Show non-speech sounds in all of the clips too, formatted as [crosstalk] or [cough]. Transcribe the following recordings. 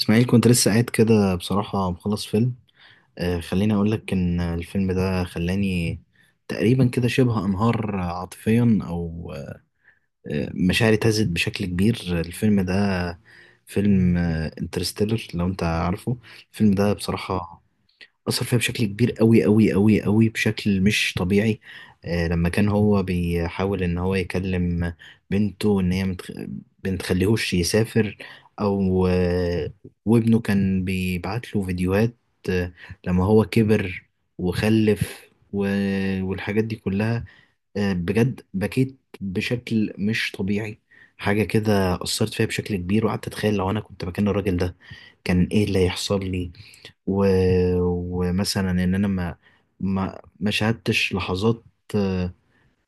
اسماعيل، كنت لسه قاعد كده بصراحة مخلص فيلم. خليني أقول لك إن الفيلم ده خلاني تقريبا كده شبه أنهار عاطفيا، أو مشاعري اهتزت بشكل كبير. الفيلم ده فيلم انترستيلر، لو أنت عارفه. الفيلم ده بصراحة أثر فيها بشكل كبير قوي قوي قوي قوي بشكل مش طبيعي. لما كان هو بيحاول إن هو يكلم بنته إن هي بنتخليهوش يسافر، أو وابنه كان بيبعت له فيديوهات، آه، لما هو كبر وخلف والحاجات دي كلها. بجد بكيت بشكل مش طبيعي. حاجة كده أثرت فيها بشكل كبير، وقعدت أتخيل لو أنا كنت مكان الراجل ده كان إيه اللي هيحصل لي. و... ومثلا ان انا ما شاهدتش لحظات، آه،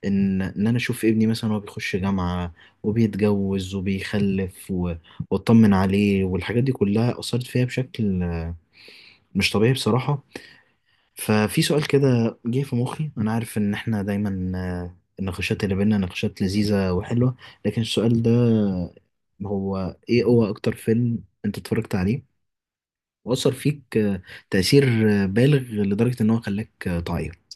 ان انا اشوف ابني مثلا وهو بيخش جامعة وبيتجوز وبيخلف واطمن عليه، والحاجات دي كلها اثرت فيها بشكل مش طبيعي بصراحة. ففي سؤال كده جه في مخي، انا عارف ان احنا دايما النقاشات اللي بينا نقاشات لذيذة وحلوة، لكن السؤال ده هو ايه هو اكتر فيلم انت اتفرجت عليه وأثر فيك تأثير بالغ لدرجة إن هو خلاك تعيط؟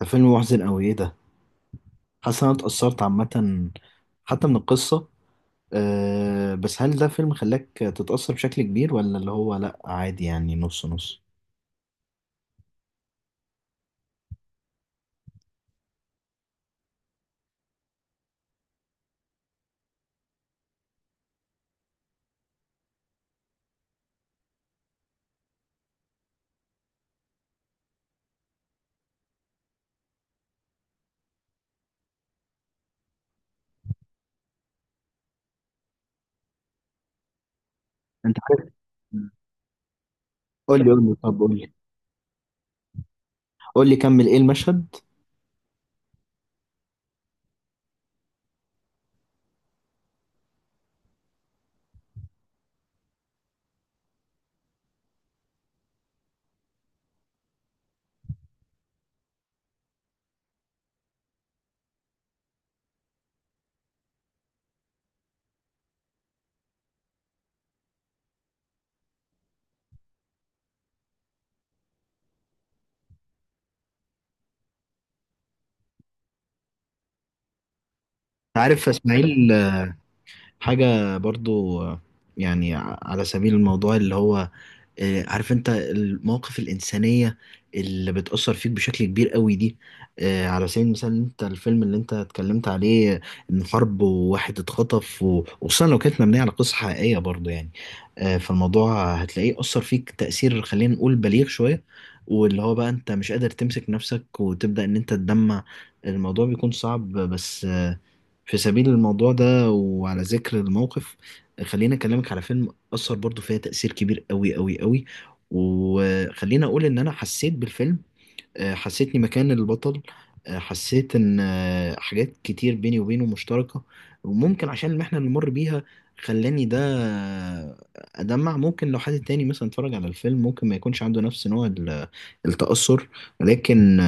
ده فيلم محزن أوي، إيه ده. حاسس إن أنا اتأثرت عامة حتى من القصة. أه بس هل ده فيلم خلاك تتأثر بشكل كبير، ولا اللي هو لأ عادي يعني نص نص؟ أنت عارف. قول لي قول لي، طب قول لي قول لي، كمل إيه المشهد أنت. عارف يا إسماعيل، حاجة برضو، يعني على سبيل الموضوع اللي هو، عارف انت المواقف الإنسانية اللي بتأثر فيك بشكل كبير قوي دي. على سبيل المثال انت الفيلم اللي انت اتكلمت عليه، ان حرب وواحد اتخطف وخصوصا لو كانت مبنية على قصة حقيقية برضو يعني. فالموضوع هتلاقيه أثر فيك تأثير، خلينا نقول بليغ شوية، واللي هو بقى انت مش قادر تمسك نفسك وتبدأ ان انت تدمع. الموضوع بيكون صعب، بس في سبيل الموضوع ده وعلى ذكر الموقف خليني اكلمك على فيلم أثر برضو فيها تأثير كبير قوي قوي قوي. وخليني أقول إن أنا حسيت بالفيلم، حسيتني مكان البطل. حسيت إن حاجات كتير بيني وبينه مشتركة، وممكن عشان المحنة اللي مر بيها خلاني ده أدمع. ممكن لو حد تاني مثلا اتفرج على الفيلم ممكن ما يكونش عنده نفس نوع التأثر، لكن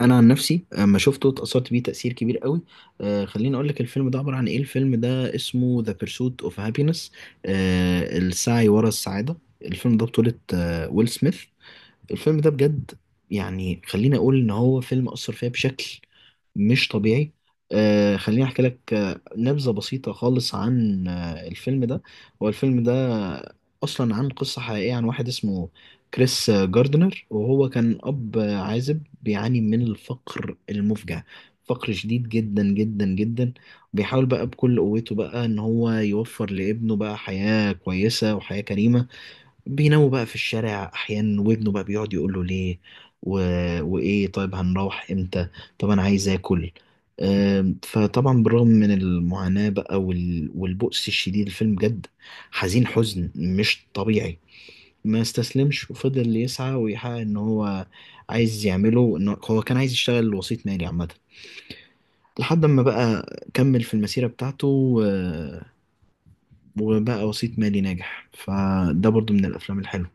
انا عن نفسي اما شفته اتأثرت بيه تأثير كبير قوي. خليني اقول لك الفيلم ده عبارة عن ايه. الفيلم ده اسمه ذا بيرسوت اوف هابينس، السعي ورا السعادة. الفيلم ده بطولة ويل سميث. الفيلم ده بجد، يعني خليني اقول ان هو فيلم اثر فيا بشكل مش طبيعي. خليني احكي لك نبذه بسيطه خالص عن الفيلم ده. هو الفيلم ده اصلا عن قصه حقيقيه عن واحد اسمه كريس جاردنر، وهو كان اب عازب بيعاني من الفقر المفجع، فقر شديد جدا جدا جدا. بيحاول بقى بكل قوته بقى ان هو يوفر لابنه بقى حياه كويسه وحياه كريمه. بيناموا بقى في الشارع احيانا، وابنه بقى بيقعد يقول له ليه و... وايه، طيب هنروح امتى، طب انا عايز اكل. فطبعا بالرغم من المعاناة بقى والبؤس الشديد، الفيلم جد حزين، حزن مش طبيعي. ما استسلمش وفضل يسعى ويحقق ان هو عايز يعمله، ان هو كان عايز يشتغل وسيط مالي عامة. لحد ما بقى كمل في المسيرة بتاعته وبقى وسيط مالي ناجح. فده برضو من الافلام الحلوة.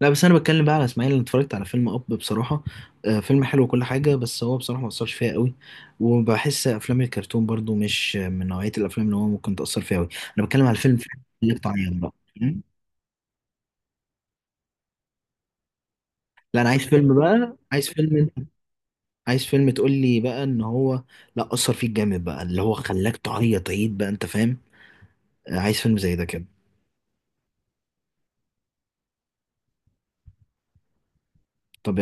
لا بس انا بتكلم بقى على اسماعيل، انا اتفرجت على فيلم اب بصراحه. فيلم حلو وكل حاجه، بس هو بصراحه ما اثرش فيا قوي، وبحس افلام الكرتون برضو مش من نوعيه الافلام اللي هو ممكن تاثر فيا قوي. انا بتكلم على فيلم اللي بتعيط بقى، فاهم؟ لا، انا عايز فيلم بقى، عايز فيلم، عايز فيلم تقول لي بقى ان هو لا اثر فيك جامد بقى اللي هو خلاك تعيط عيد بقى، انت فاهم. عايز فيلم زي ده كده. طب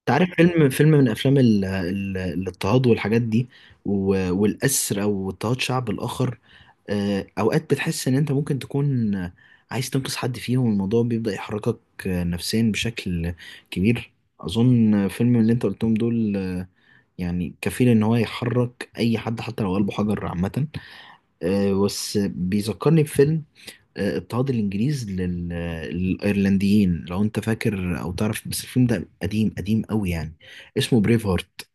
انت عارف فيلم فيلم من افلام الاضطهاد والحاجات دي، والاسر او اضطهاد شعب الاخر. اوقات بتحس ان انت ممكن تكون عايز تنقذ حد فيهم، والموضوع بيبدأ يحركك نفسيا بشكل كبير. اظن فيلم اللي انت قلتهم دول يعني كفيل ان هو يحرك اي حد حتى لو قلبه حجر عامة. بس بيذكرني بفيلم اضطهاد الانجليز للايرلنديين، لو انت فاكر او تعرف. بس الفيلم ده قديم قديم قوي يعني، اسمه بريف هارت.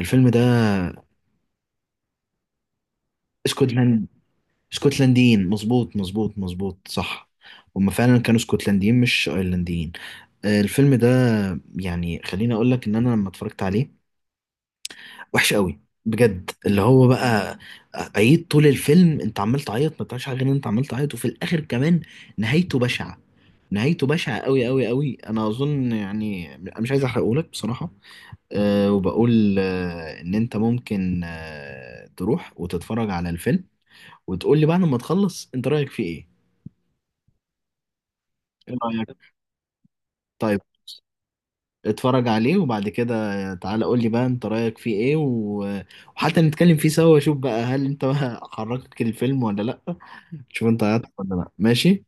الفيلم ده اسكتلند. اسكتلنديين، مظبوط مظبوط مظبوط، صح. هما فعلا كانوا اسكتلنديين مش ايرلنديين. الفيلم ده يعني خليني اقول لك ان انا لما اتفرجت عليه وحش قوي بجد، اللي هو بقى عيط طول الفيلم. انت عمال تعيط، ما بتعملش حاجه غير ان انت عمال تعيط، وفي الاخر كمان نهايته بشعه، نهايته بشعه قوي قوي قوي. انا اظن يعني انا مش عايز احرقهولك بصراحه. وبقول ان انت ممكن تروح وتتفرج على الفيلم، وتقول لي بعد ما تخلص انت رايك فيه ايه. ايه رايك؟ طيب اتفرج عليه وبعد كده تعالى قول لي بقى انت رأيك فيه ايه وحتى نتكلم فيه سوا، واشوف بقى هل انت بقى [laughs] حركتك الفيلم ولا لا. شوف انت عيطت ولا لا. ماشي.